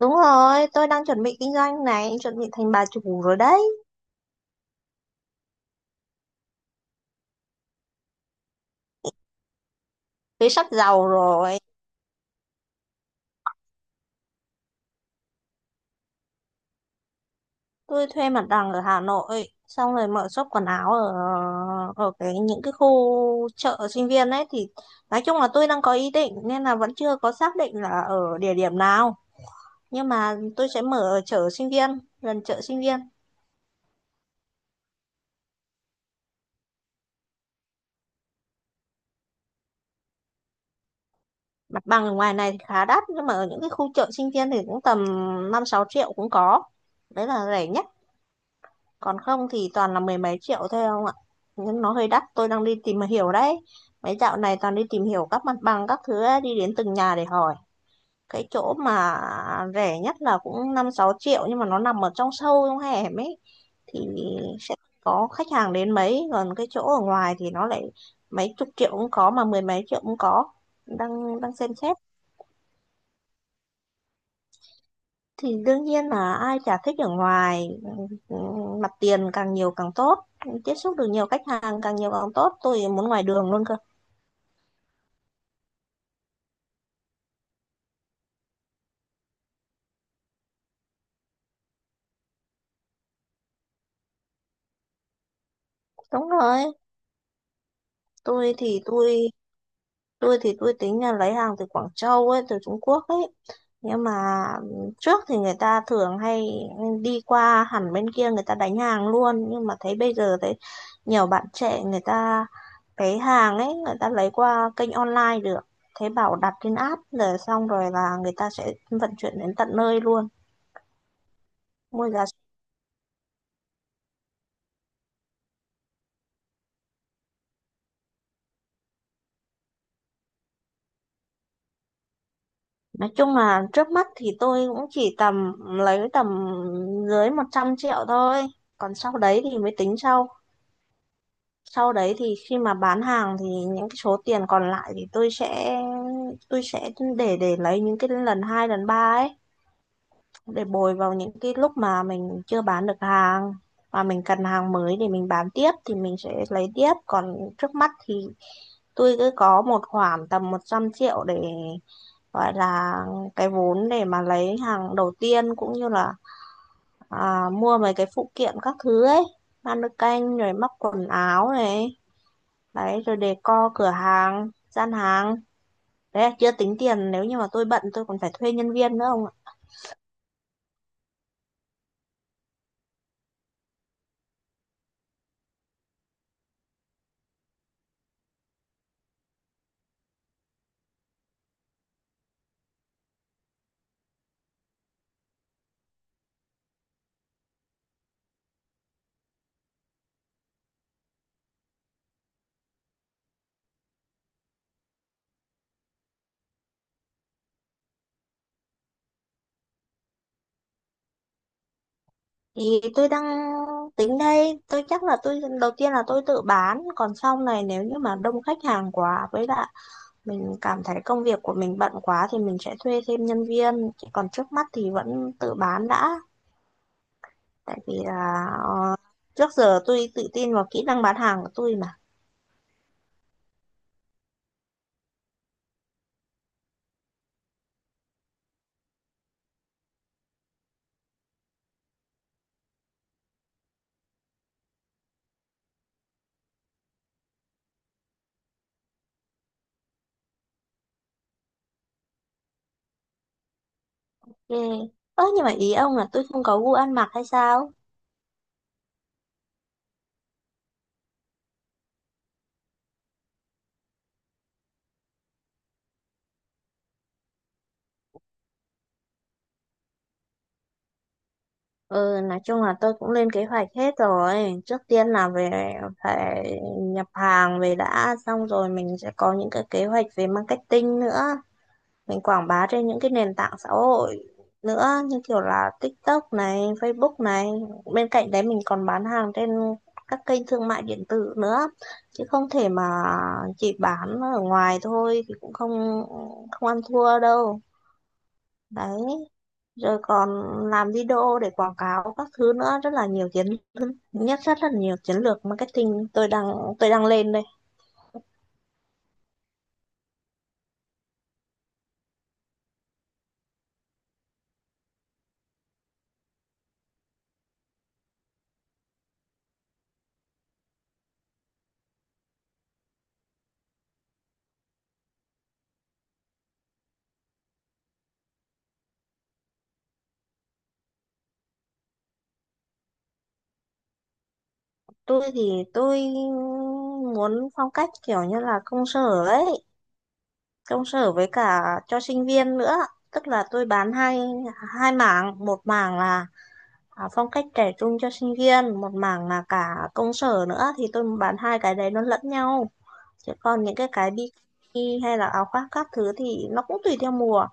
Đúng rồi, tôi đang chuẩn bị kinh doanh này, chuẩn bị thành bà chủ rồi đấy. Thế sắp giàu rồi. Tôi thuê mặt bằng ở Hà Nội, xong rồi mở shop quần áo ở ở những cái khu chợ sinh viên ấy thì nói chung là tôi đang có ý định nên là vẫn chưa có xác định là ở địa điểm nào, nhưng mà tôi sẽ mở ở chợ sinh viên, gần chợ sinh viên. Mặt bằng ở ngoài này thì khá đắt nhưng mà ở những cái khu chợ sinh viên thì cũng tầm 5-6 triệu cũng có. Đấy là rẻ nhất. Còn không thì toàn là mười mấy triệu thôi không ạ, nhưng nó hơi đắt. Tôi đang đi tìm hiểu đấy, mấy dạo này toàn đi tìm hiểu các mặt bằng các thứ ấy, đi đến từng nhà để hỏi cái chỗ mà rẻ nhất là cũng 5-6 triệu, nhưng mà nó nằm ở trong sâu trong hẻm ấy thì sẽ có khách hàng đến mấy, còn cái chỗ ở ngoài thì nó lại mấy chục triệu cũng có mà mười mấy triệu cũng có, đang đang xem xét. Thì đương nhiên là ai chả thích ở ngoài, ừ, mặt tiền càng nhiều càng tốt, tiếp xúc được nhiều khách hàng càng nhiều càng tốt, tôi muốn ngoài đường luôn cơ. Đúng rồi. Tôi thì tôi tôi thì tôi tính là lấy hàng từ Quảng Châu ấy, từ Trung Quốc ấy, nhưng mà trước thì người ta thường hay đi qua hẳn bên kia người ta đánh hàng luôn, nhưng mà thấy bây giờ thấy nhiều bạn trẻ người ta cái hàng ấy người ta lấy qua kênh online được, thế bảo đặt trên app rồi xong rồi là người ta sẽ vận chuyển đến tận nơi luôn, mua giá. Nói chung là trước mắt thì tôi cũng chỉ tầm lấy tầm dưới 100 triệu thôi, còn sau đấy thì mới tính sau. Sau đấy thì khi mà bán hàng thì những cái số tiền còn lại thì tôi sẽ để lấy những cái lần hai lần ba ấy để bồi vào những cái lúc mà mình chưa bán được hàng và mình cần hàng mới để mình bán tiếp thì mình sẽ lấy tiếp, còn trước mắt thì tôi cứ có một khoản tầm 100 triệu để gọi là cái vốn để mà lấy hàng đầu tiên cũng như là mua mấy cái phụ kiện các thứ ấy, ban nước canh rồi móc quần áo này, đấy rồi decor cửa hàng, gian hàng, đấy chưa tính tiền. Nếu như mà tôi bận tôi còn phải thuê nhân viên nữa ông ạ. Thì tôi đang tính đây, tôi chắc là tôi đầu tiên là tôi tự bán, còn sau này nếu như mà đông khách hàng quá với lại mình cảm thấy công việc của mình bận quá thì mình sẽ thuê thêm nhân viên. Chứ còn trước mắt thì vẫn tự bán đã, tại vì là trước giờ tôi tự tin vào kỹ năng bán hàng của tôi mà. Yeah. Ơ nhưng mà ý ông là tôi không có gu ăn mặc hay sao? Ừ, nói chung là tôi cũng lên kế hoạch hết rồi. Trước tiên là về phải nhập hàng về đã, xong rồi mình sẽ có những cái kế hoạch về marketing nữa. Mình quảng bá trên những cái nền tảng xã hội nữa, như kiểu là TikTok này, Facebook này. Bên cạnh đấy mình còn bán hàng trên các kênh thương mại điện tử nữa. Chứ không thể mà chỉ bán ở ngoài thôi thì cũng không không ăn thua đâu. Đấy rồi còn làm video để quảng cáo các thứ nữa, rất là nhiều chiến nhất, rất là nhiều chiến lược marketing tôi đang lên đây. Tôi thì tôi muốn phong cách kiểu như là công sở ấy, công sở với cả cho sinh viên nữa, tức là tôi bán hai hai mảng. Một mảng là phong cách trẻ trung cho sinh viên, một mảng là cả công sở nữa, thì tôi bán hai cái đấy nó lẫn nhau. Chứ còn những cái bikini hay là áo khoác các thứ thì nó cũng tùy theo mùa.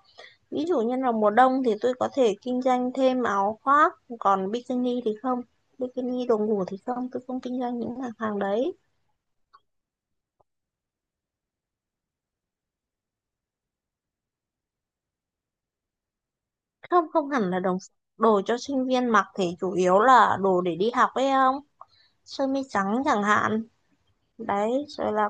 Ví dụ như là mùa đông thì tôi có thể kinh doanh thêm áo khoác, còn bikini thì không. Bikini đồ ngủ thì không, tôi không kinh doanh những mặt hàng đấy. Không, không hẳn là đồ đồ cho sinh viên mặc thì chủ yếu là đồ để đi học ấy không? Sơ mi trắng chẳng hạn. Đấy, rồi là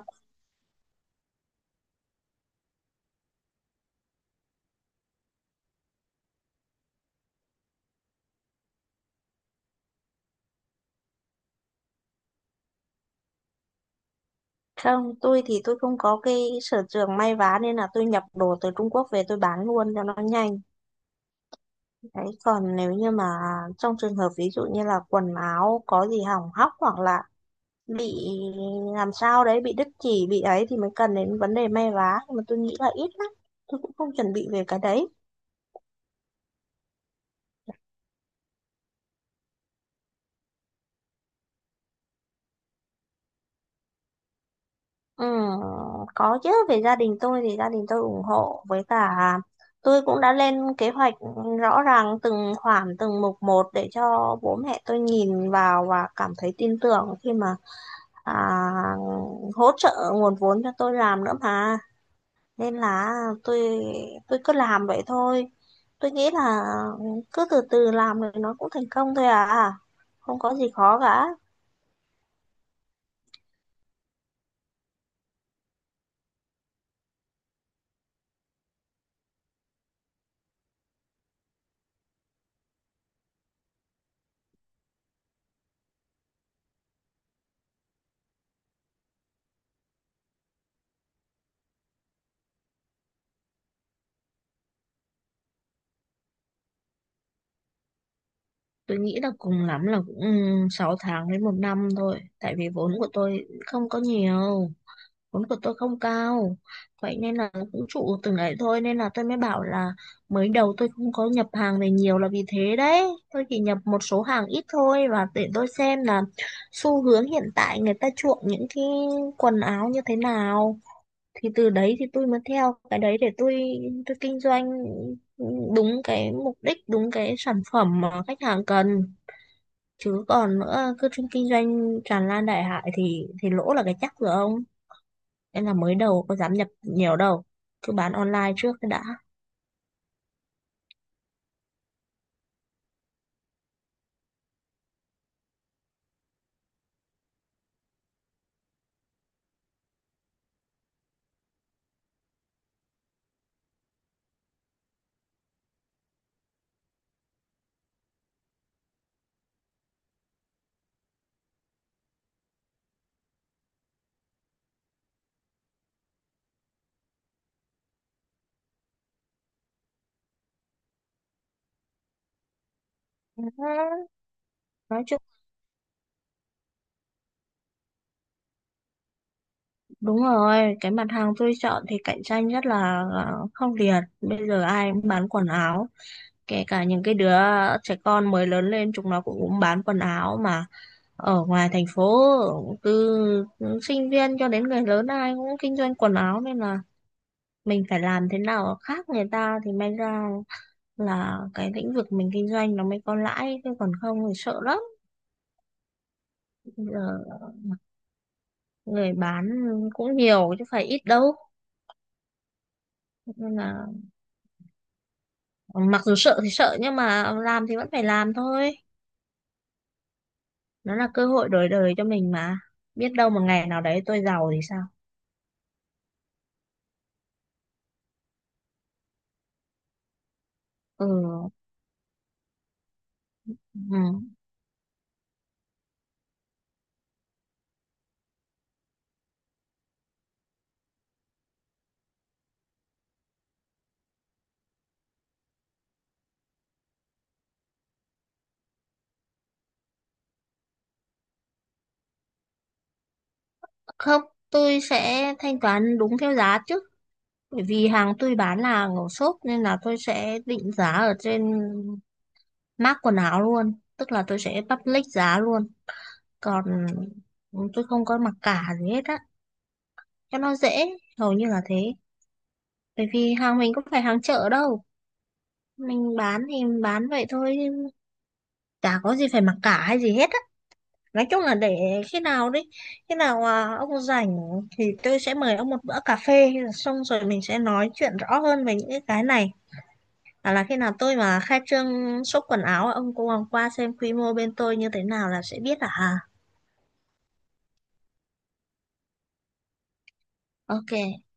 không, tôi thì tôi không có cái sở trường may vá nên là tôi nhập đồ từ Trung Quốc về tôi bán luôn cho nó nhanh. Đấy, còn nếu như mà trong trường hợp ví dụ như là quần áo có gì hỏng hóc hoặc là bị làm sao đấy, bị đứt chỉ bị ấy thì mới cần đến vấn đề may vá, nhưng mà tôi nghĩ là ít lắm, tôi cũng không chuẩn bị về cái đấy. Ừ, có chứ, về gia đình tôi thì gia đình tôi ủng hộ, với cả tôi cũng đã lên kế hoạch rõ ràng từng khoản từng mục một để cho bố mẹ tôi nhìn vào và cảm thấy tin tưởng khi mà à, hỗ trợ nguồn vốn cho tôi làm nữa mà, nên là tôi tôi cứ làm vậy thôi, tôi nghĩ là cứ từ từ làm rồi nó cũng thành công thôi à, không có gì khó cả. Tôi nghĩ là cùng lắm là cũng 6 tháng đến một năm thôi, tại vì vốn của tôi không có nhiều. Vốn của tôi không cao, vậy nên là cũng trụ từng ấy thôi, nên là tôi mới bảo là mới đầu tôi không có nhập hàng về nhiều là vì thế đấy. Tôi chỉ nhập một số hàng ít thôi và để tôi xem là xu hướng hiện tại người ta chuộng những cái quần áo như thế nào, thì từ đấy thì tôi mới theo cái đấy để tôi kinh doanh đúng cái mục đích, đúng cái sản phẩm mà khách hàng cần. Chứ còn nữa cứ kinh doanh tràn lan đại hải thì lỗ là cái chắc rồi ông. Nên là mới đầu có dám nhập nhiều đâu, cứ bán online trước cái đã. Nói chung đúng rồi, cái mặt hàng tôi chọn thì cạnh tranh rất là khốc liệt. Bây giờ ai cũng bán quần áo, kể cả những cái đứa trẻ con mới lớn lên chúng nó cũng bán quần áo mà. Ở ngoài thành phố, từ sinh viên cho đến người lớn ai cũng kinh doanh quần áo, nên là mình phải làm thế nào khác người ta thì may ra là cái lĩnh vực mình kinh doanh nó mới có lãi, chứ còn không thì sợ lắm. Giờ người bán cũng nhiều chứ phải ít đâu, nên là mặc dù sợ thì sợ nhưng mà làm thì vẫn phải làm thôi, nó là cơ hội đổi đời cho mình mà, biết đâu một ngày nào đấy tôi giàu thì sao. Ừ, ừ. Không, tôi sẽ thanh toán đúng theo giá chứ, bởi vì hàng tôi bán là hàng ở shop nên là tôi sẽ định giá ở trên mác quần áo luôn, tức là tôi sẽ public giá luôn. Còn tôi không có mặc cả gì hết á, cho nó dễ, hầu như là thế. Bởi vì hàng mình cũng phải hàng chợ đâu, mình bán thì bán vậy thôi, chả có gì phải mặc cả hay gì hết á. Nói chung là để khi nào đấy, khi nào ông rảnh thì tôi sẽ mời ông một bữa cà phê, xong rồi mình sẽ nói chuyện rõ hơn về những cái này, hoặc là khi nào tôi mà khai trương shop quần áo ông cũng qua xem quy mô bên tôi như thế nào là sẽ biết à. Ok.